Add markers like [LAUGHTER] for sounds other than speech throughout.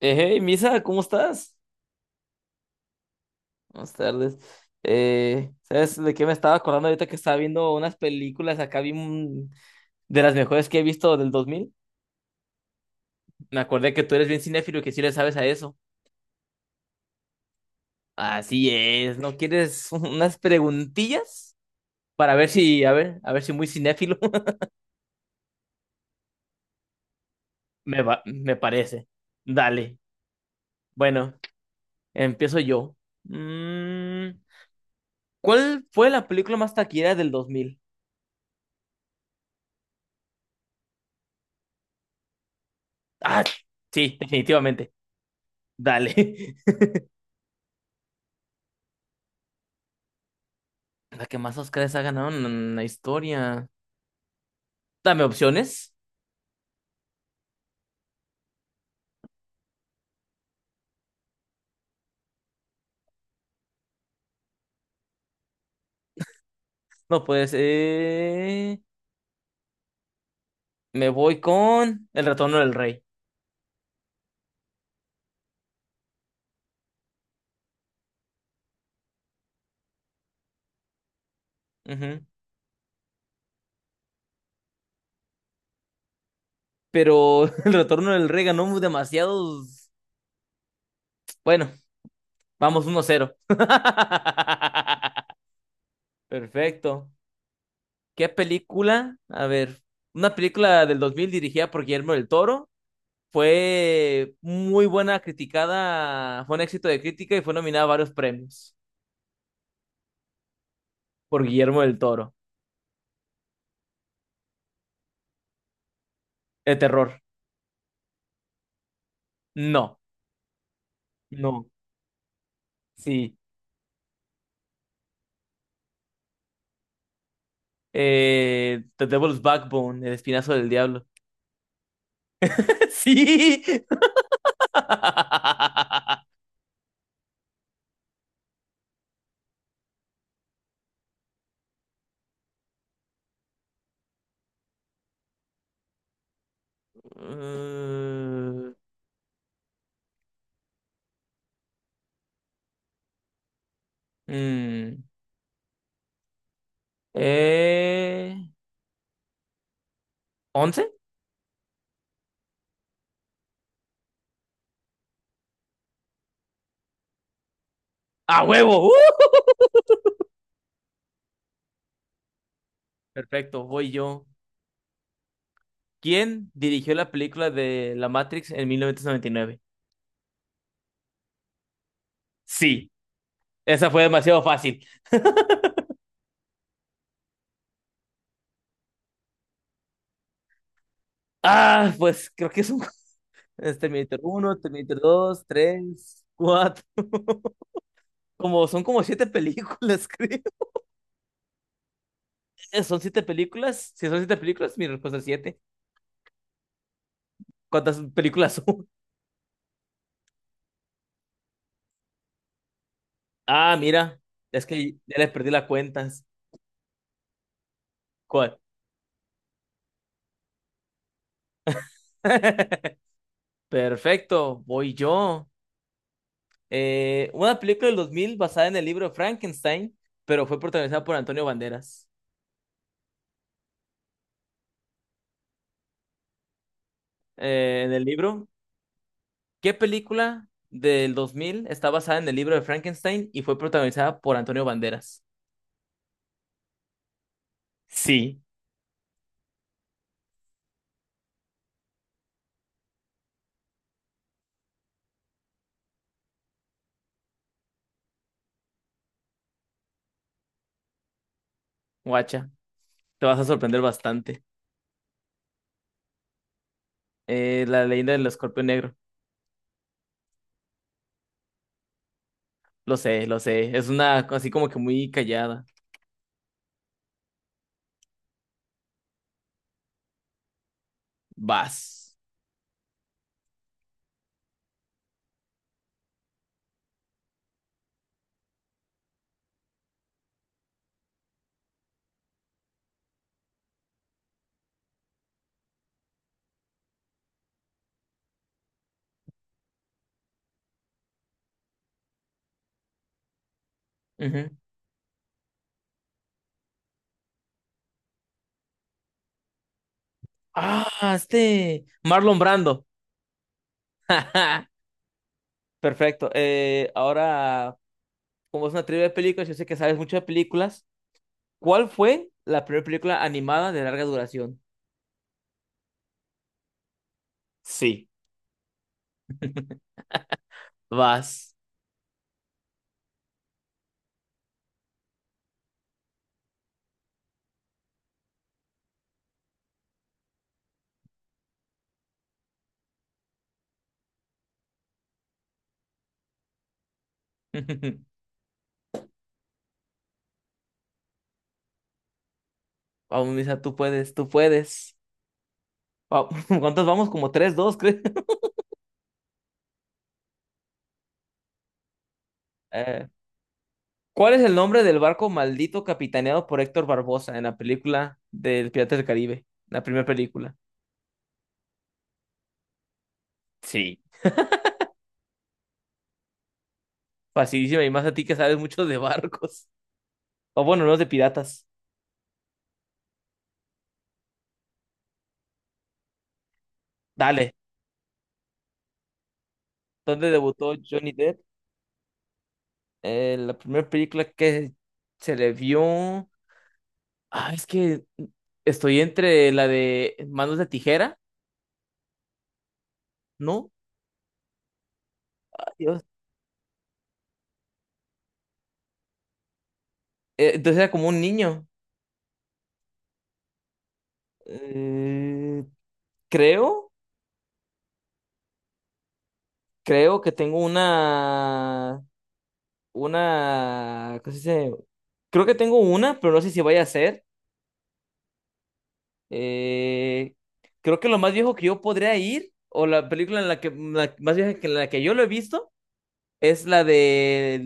Hey, Misa, ¿cómo estás? Buenas tardes. ¿Sabes de qué me estaba acordando ahorita que estaba viendo unas películas acá de las mejores que he visto del 2000? Me acordé que tú eres bien cinéfilo y que sí le sabes a eso. Así es, ¿no quieres [LAUGHS] unas preguntillas para ver si, a ver si muy cinéfilo [LAUGHS] me va, me parece. Dale. Bueno, empiezo yo. Mm, ¿Cuál fue la película más taquillera del 2000? Ah, sí, definitivamente. Dale. [LAUGHS] La que más Oscars ha ganado en la historia. Dame opciones. No puede ser. Me voy con El Retorno del Rey. Ujú. Pero [LAUGHS] El Retorno del Rey ganó demasiados. Bueno, vamos uno cero [LAUGHS] Perfecto. ¿Qué película? A ver, una película del 2000 dirigida por Guillermo del Toro. Fue muy buena, criticada, fue un éxito de crítica y fue nominada a varios premios por Guillermo del Toro. De terror. No. Sí. The Devil's Backbone, El Espinazo del Diablo. [LAUGHS] Sí. Mm, mm, eh, ¿Once? ¡A huevo! ¡Uh! Perfecto, voy yo. ¿Quién dirigió la película de La Matrix en mil novecientos noventa y nueve? Sí, esa fue demasiado fácil. Ah, pues creo que es un... [LAUGHS] es Terminator uno, Terminator dos, tres, cuatro. Como, son como siete películas, [LAUGHS] creo. Son siete películas. Si son siete películas, mi respuesta es siete. ¿Cuántas películas son? Ah, mira, es que... ¿Cuál? [LAUGHS] Perfecto, voy yo. Una película del 2000 basada en el libro Frankenstein, pero fue protagonizada por Antonio Banderas. En el libro, ¿qué película del 2000 está basada en el libro de Frankenstein y fue protagonizada por Antonio Banderas? Sí, guacha, te vas a sorprender bastante. La leyenda del escorpión negro. Lo sé, lo sé. Es una así como que muy callada. Vas. Ujú. Ah, este. Marlon Brando. [LAUGHS] Perfecto. Ahora, como es una trivia de películas, yo sé que sabes mucho de películas. ¿Cuál fue la primera película animada de larga duración? Sí, vas. [LAUGHS] Vamos, Misa, tú puedes, tú puedes. Va- [LAUGHS] ¿Cuántos vamos? Como tres, dos, creo. [LAUGHS] Eh, ¿cuál es el nombre del barco maldito capitaneado por Héctor Barbosa en la película del Piratas del Caribe? La primera película. Sí. Facilísima, y más a ti que sabes mucho de barcos. O bueno, no de piratas. Dale. ¿Dónde debutó? La primera película que se le vio. Ah, es que estoy entre la de Manos de Tijera. Ay, Dios. Entonces era como un niño. Eh, creo, creo que tengo una. Una. ¿Cómo se dice? Creo que tengo una, pero no sé si vaya a ser. Eh, creo que lo más viejo que yo podría ir, o la película en la que la más vieja que en la que yo lo he visto. Es la de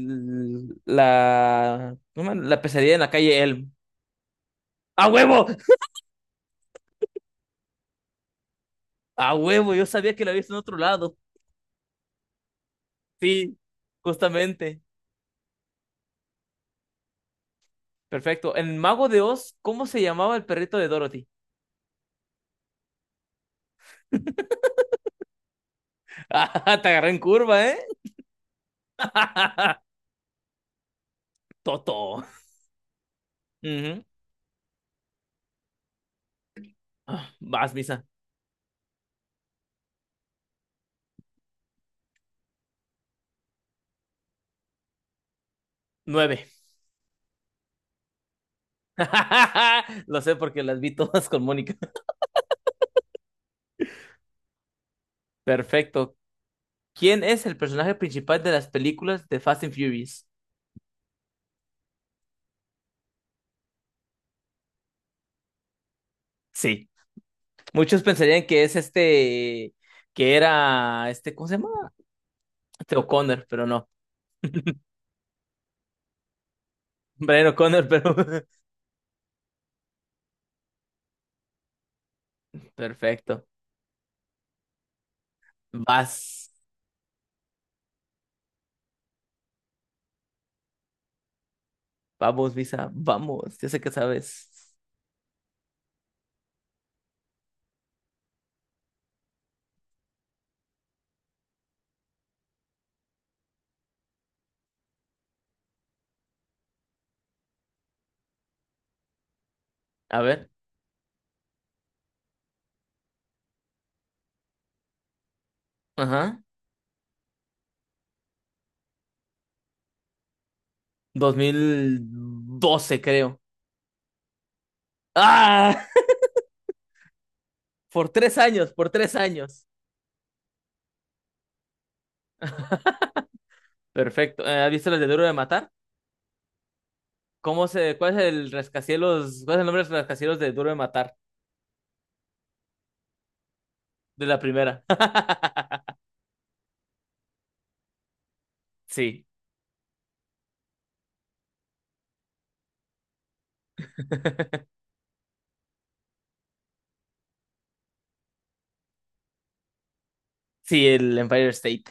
la, ¿cómo? La pesadilla en la calle Elm. ¡A huevo! ¡A huevo! Yo sabía que la había visto en otro lado. Sí, justamente. Perfecto. En Mago de Oz, ¿cómo se llamaba el perrito de Dorothy? [LAUGHS] Ah, te agarré en curva, ¿eh? [LAUGHS] Toto. Ah, vas, Misa. Nueve. [LAUGHS] Lo sé porque las vi todas con Mónica. Perfecto. ¿Quién es el personaje principal de las películas de Fast and Furious? Sí. Muchos pensarían que es este, que era este, ¿cómo se llama? Este, O'Connor, pero no. [LAUGHS] Brian O'Connor, pero. [LAUGHS] Perfecto. Vas. Vamos, Visa. Vamos. Ya sé que sabes. A ver. Ajá. 2012, creo. ¡Ah! [LAUGHS] Por tres años, por tres años. Perfecto. ¿Has visto las de Duro de Matar? ¿Cuál es el rascacielos, cuál es el nombre de los rascacielos de Duro de Matar? La primera. [LAUGHS] Sí, sí, el Empire State.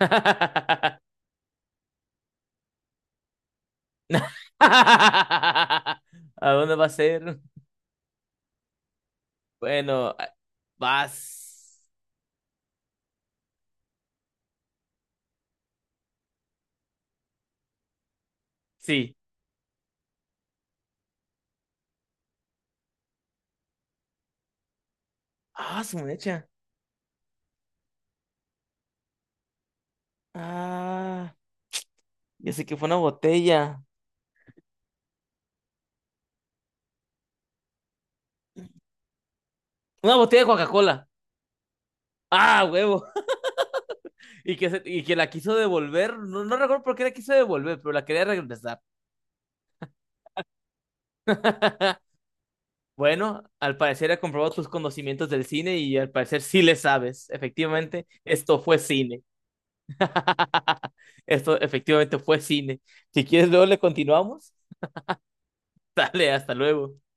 [LAUGHS] ¿A dónde va a ser? Bueno, vas. Sí. Ah, su mecha. Ah, ya sé que fue una botella. Una botella de Coca-Cola. Ah, huevo. [LAUGHS] Y y que la quiso devolver. No, no recuerdo por qué la quiso devolver, pero la quería regresar. [LAUGHS] Bueno, al parecer he comprobado tus conocimientos del cine y al parecer sí le sabes. Efectivamente, esto fue cine. [LAUGHS] Esto efectivamente fue cine. Si quieres, luego le continuamos. [LAUGHS] Dale, hasta luego.